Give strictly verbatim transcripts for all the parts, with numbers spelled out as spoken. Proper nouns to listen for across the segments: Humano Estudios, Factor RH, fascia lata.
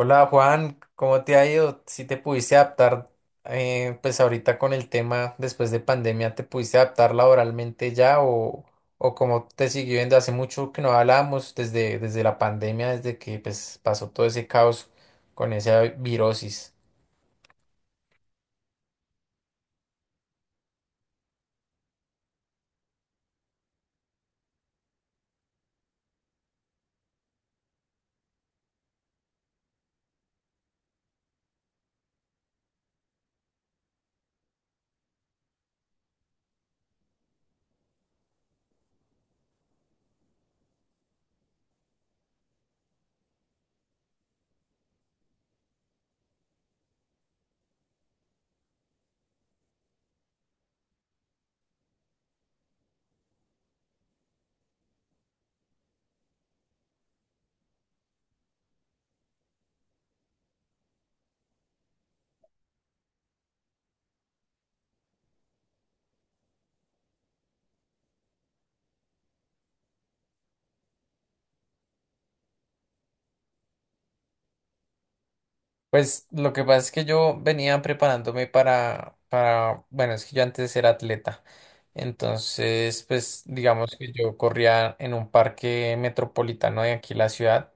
Hola Juan, ¿cómo te ha ido? Si te pudiste adaptar, eh, pues ahorita con el tema después de pandemia, ¿te pudiste adaptar laboralmente ya o, o cómo te siguió viendo? Hace mucho que no hablábamos desde, desde la pandemia, desde que pues, pasó todo ese caos con esa virosis. Pues lo que pasa es que yo venía preparándome para, para, bueno, es que yo antes era atleta. Entonces, pues digamos que yo corría en un parque metropolitano de aquí la ciudad.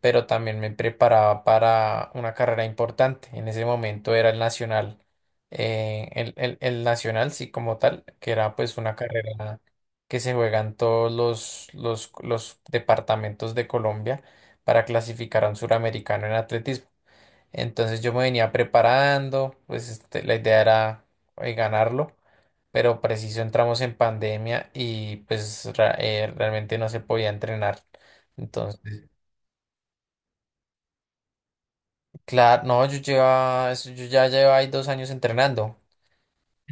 Pero también me preparaba para una carrera importante. En ese momento era el nacional, eh, el, el- el nacional, sí, como tal, que era pues una carrera que se juegan todos los, los, los departamentos de Colombia para clasificar a un suramericano en atletismo. Entonces yo me venía preparando, pues este, la idea era eh, ganarlo, pero preciso entramos en pandemia y pues ra- eh, realmente no se podía entrenar. Entonces claro, no, yo lleva, eso- yo ya llevo ahí dos años entrenando.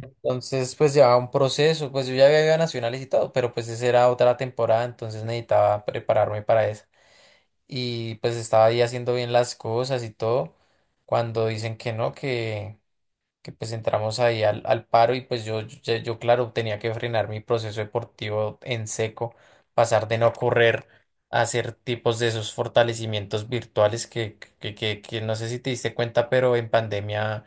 Entonces, pues llevaba un proceso, pues yo ya había ido a nacionales y todo, pero pues esa era otra temporada, entonces necesitaba prepararme para eso. Y pues estaba ahí haciendo bien las cosas y todo, cuando dicen que no, que que pues entramos ahí al, al paro y pues yo, yo, yo, claro, tenía que frenar mi proceso deportivo en seco, pasar de no correr a hacer tipos de esos fortalecimientos virtuales que, que, que, que no sé si te diste cuenta, pero en pandemia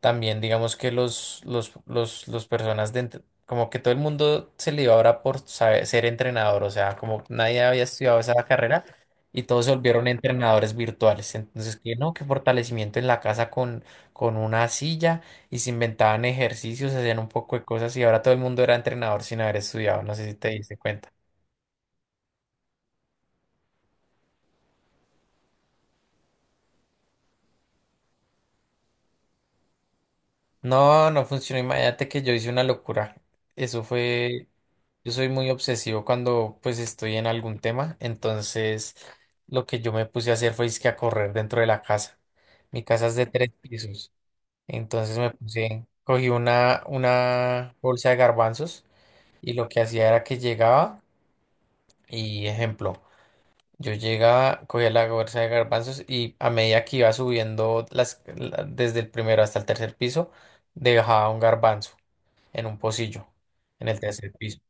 también digamos que los, los, los, los personas de, entre- como que todo el mundo se le iba ahora por saber- ser entrenador, o sea, como nadie había estudiado esa carrera y todos se volvieron entrenadores virtuales. Entonces, que no, que fortalecimiento en la casa con, con una silla, y se inventaban ejercicios, hacían un poco de cosas y ahora todo el mundo era entrenador sin haber estudiado, no sé si te diste cuenta. No, no funcionó. Imagínate que yo hice una locura. Eso fue. Yo soy muy obsesivo cuando pues estoy en algún tema. Entonces, lo que yo me puse a hacer fue que a correr dentro de la casa. Mi casa es de tres pisos. Entonces me puse, cogí una, una bolsa de garbanzos y lo que hacía era que llegaba y ejemplo, yo llegaba, cogía la bolsa de garbanzos y a medida que iba subiendo las, la- desde el primero hasta el tercer piso, dejaba un garbanzo en un pocillo, en el tercer piso.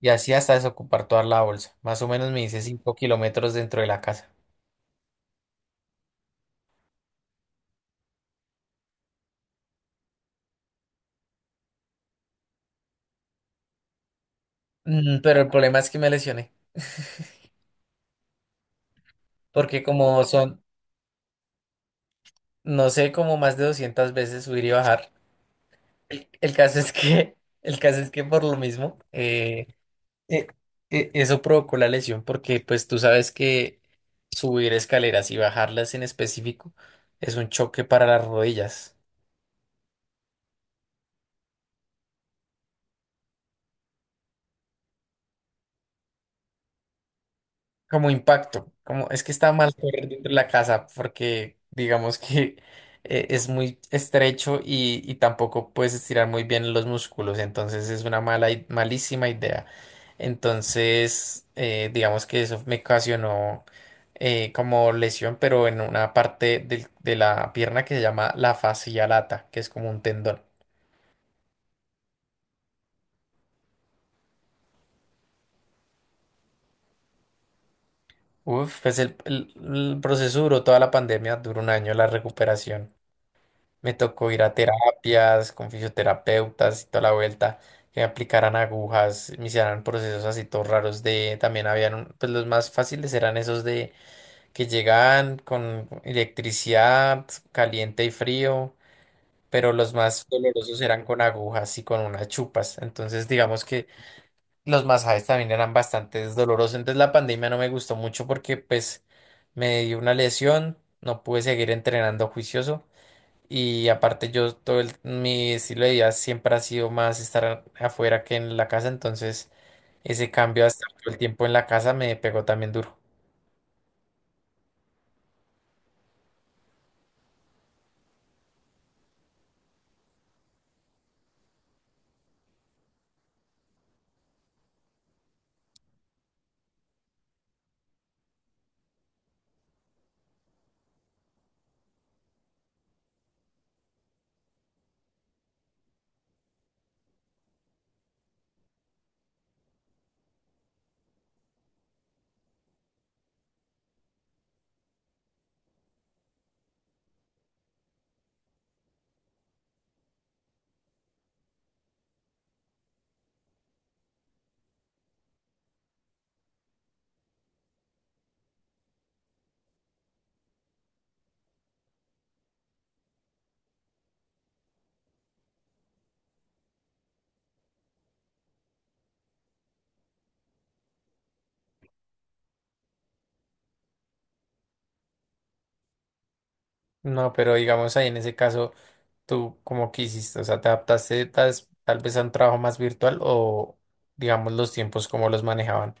Y así hasta desocupar toda la bolsa. Más o menos me hice cinco kilómetros dentro de la casa. Mm, pero el problema es que me lesioné, porque como son, no sé, como más de doscientas veces subir y bajar. El, el caso es que, el caso es que por lo mismo, eh, eh, eh, eso provocó la lesión, porque pues tú sabes que subir escaleras y bajarlas en específico es un choque para las rodillas. Como impacto, como es que está mal correr dentro de la casa porque digamos que eh, es muy estrecho y, y tampoco puedes estirar muy bien los músculos, entonces es una mala, i- malísima idea. Entonces, eh, digamos que eso me ocasionó eh, como lesión, pero en una parte del- de la pierna que se llama la fascia lata, que es como un tendón. Uf, pues el, el el proceso duró toda la pandemia, duró un año la recuperación. Me tocó ir a terapias con fisioterapeutas y toda la vuelta, que me aplicaran agujas, me hicieran procesos así todos raros de, también habían, un- pues los más fáciles eran esos de que llegaban con electricidad, caliente y frío, pero los más dolorosos eran con agujas y con unas chupas. Entonces, digamos que los masajes también eran bastante dolorosos. Entonces, la pandemia no me gustó mucho porque pues me dio una lesión, no pude seguir entrenando juicioso. Y aparte yo todo el- mi estilo de vida siempre ha sido más estar afuera que en la casa, entonces ese cambio hasta todo el tiempo en la casa me pegó también duro. No, pero digamos ahí en ese caso, ¿tú cómo que hiciste? O sea, ¿te adaptaste tal, tal vez a un trabajo más virtual o digamos los tiempos cómo los manejaban?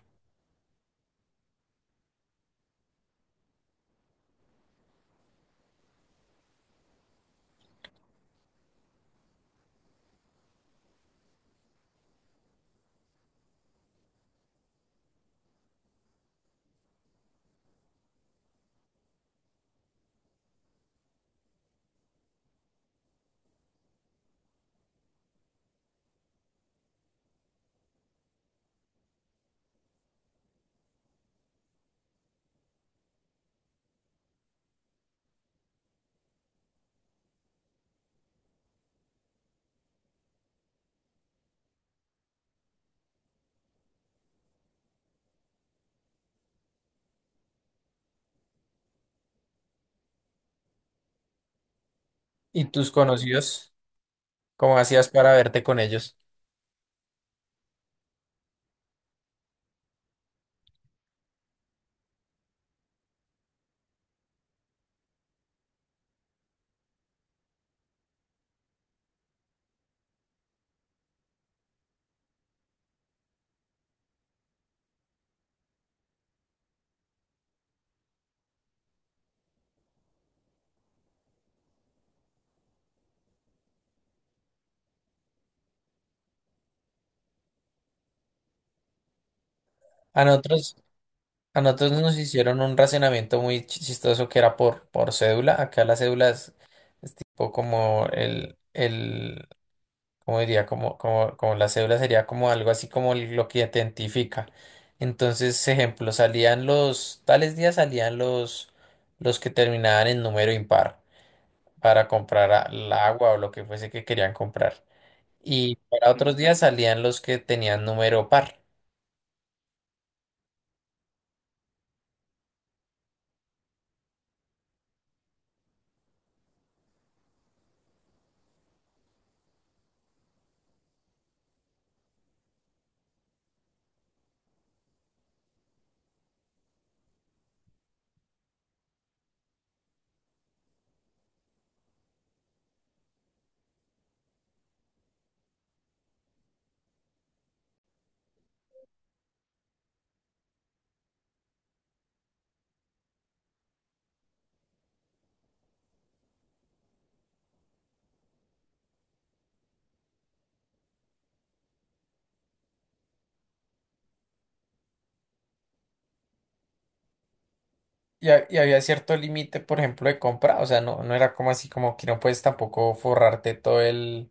¿Y tus conocidos? ¿Cómo hacías para verte con ellos? A nosotros A nosotros nos hicieron un racionamiento muy chi- chistoso que era por, por cédula. Acá las cédulas es tipo como el, el, ¿cómo diría? Como, como, como la cédula sería como algo así como el- lo que identifica. Entonces, ejemplo, salían los, tales días salían los, los que terminaban en número impar para comprar a- el agua o lo que fuese que querían comprar. Y para otros días salían los que tenían número par. Y, ha- y había cierto límite, por ejemplo, de compra, o sea, no, no era como así como que no puedes tampoco forrarte todo el,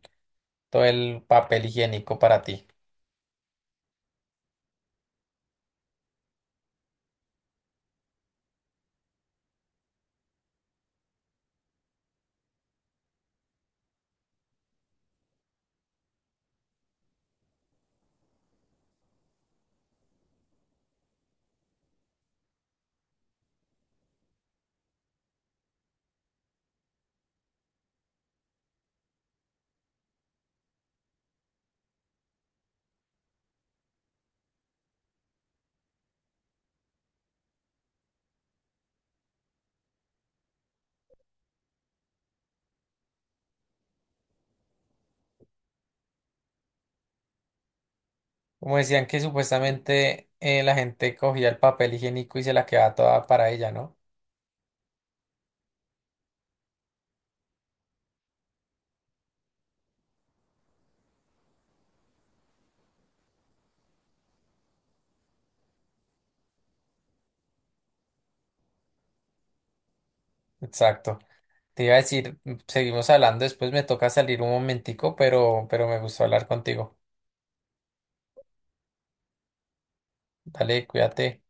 todo el papel higiénico para ti. Como decían que supuestamente eh, la gente cogía el papel higiénico y se la quedaba toda para ella, ¿no? Exacto. Te iba a decir, mm, seguimos hablando, después me toca salir un momentico, pero, pero me gustó hablar contigo. Dale, cuídate.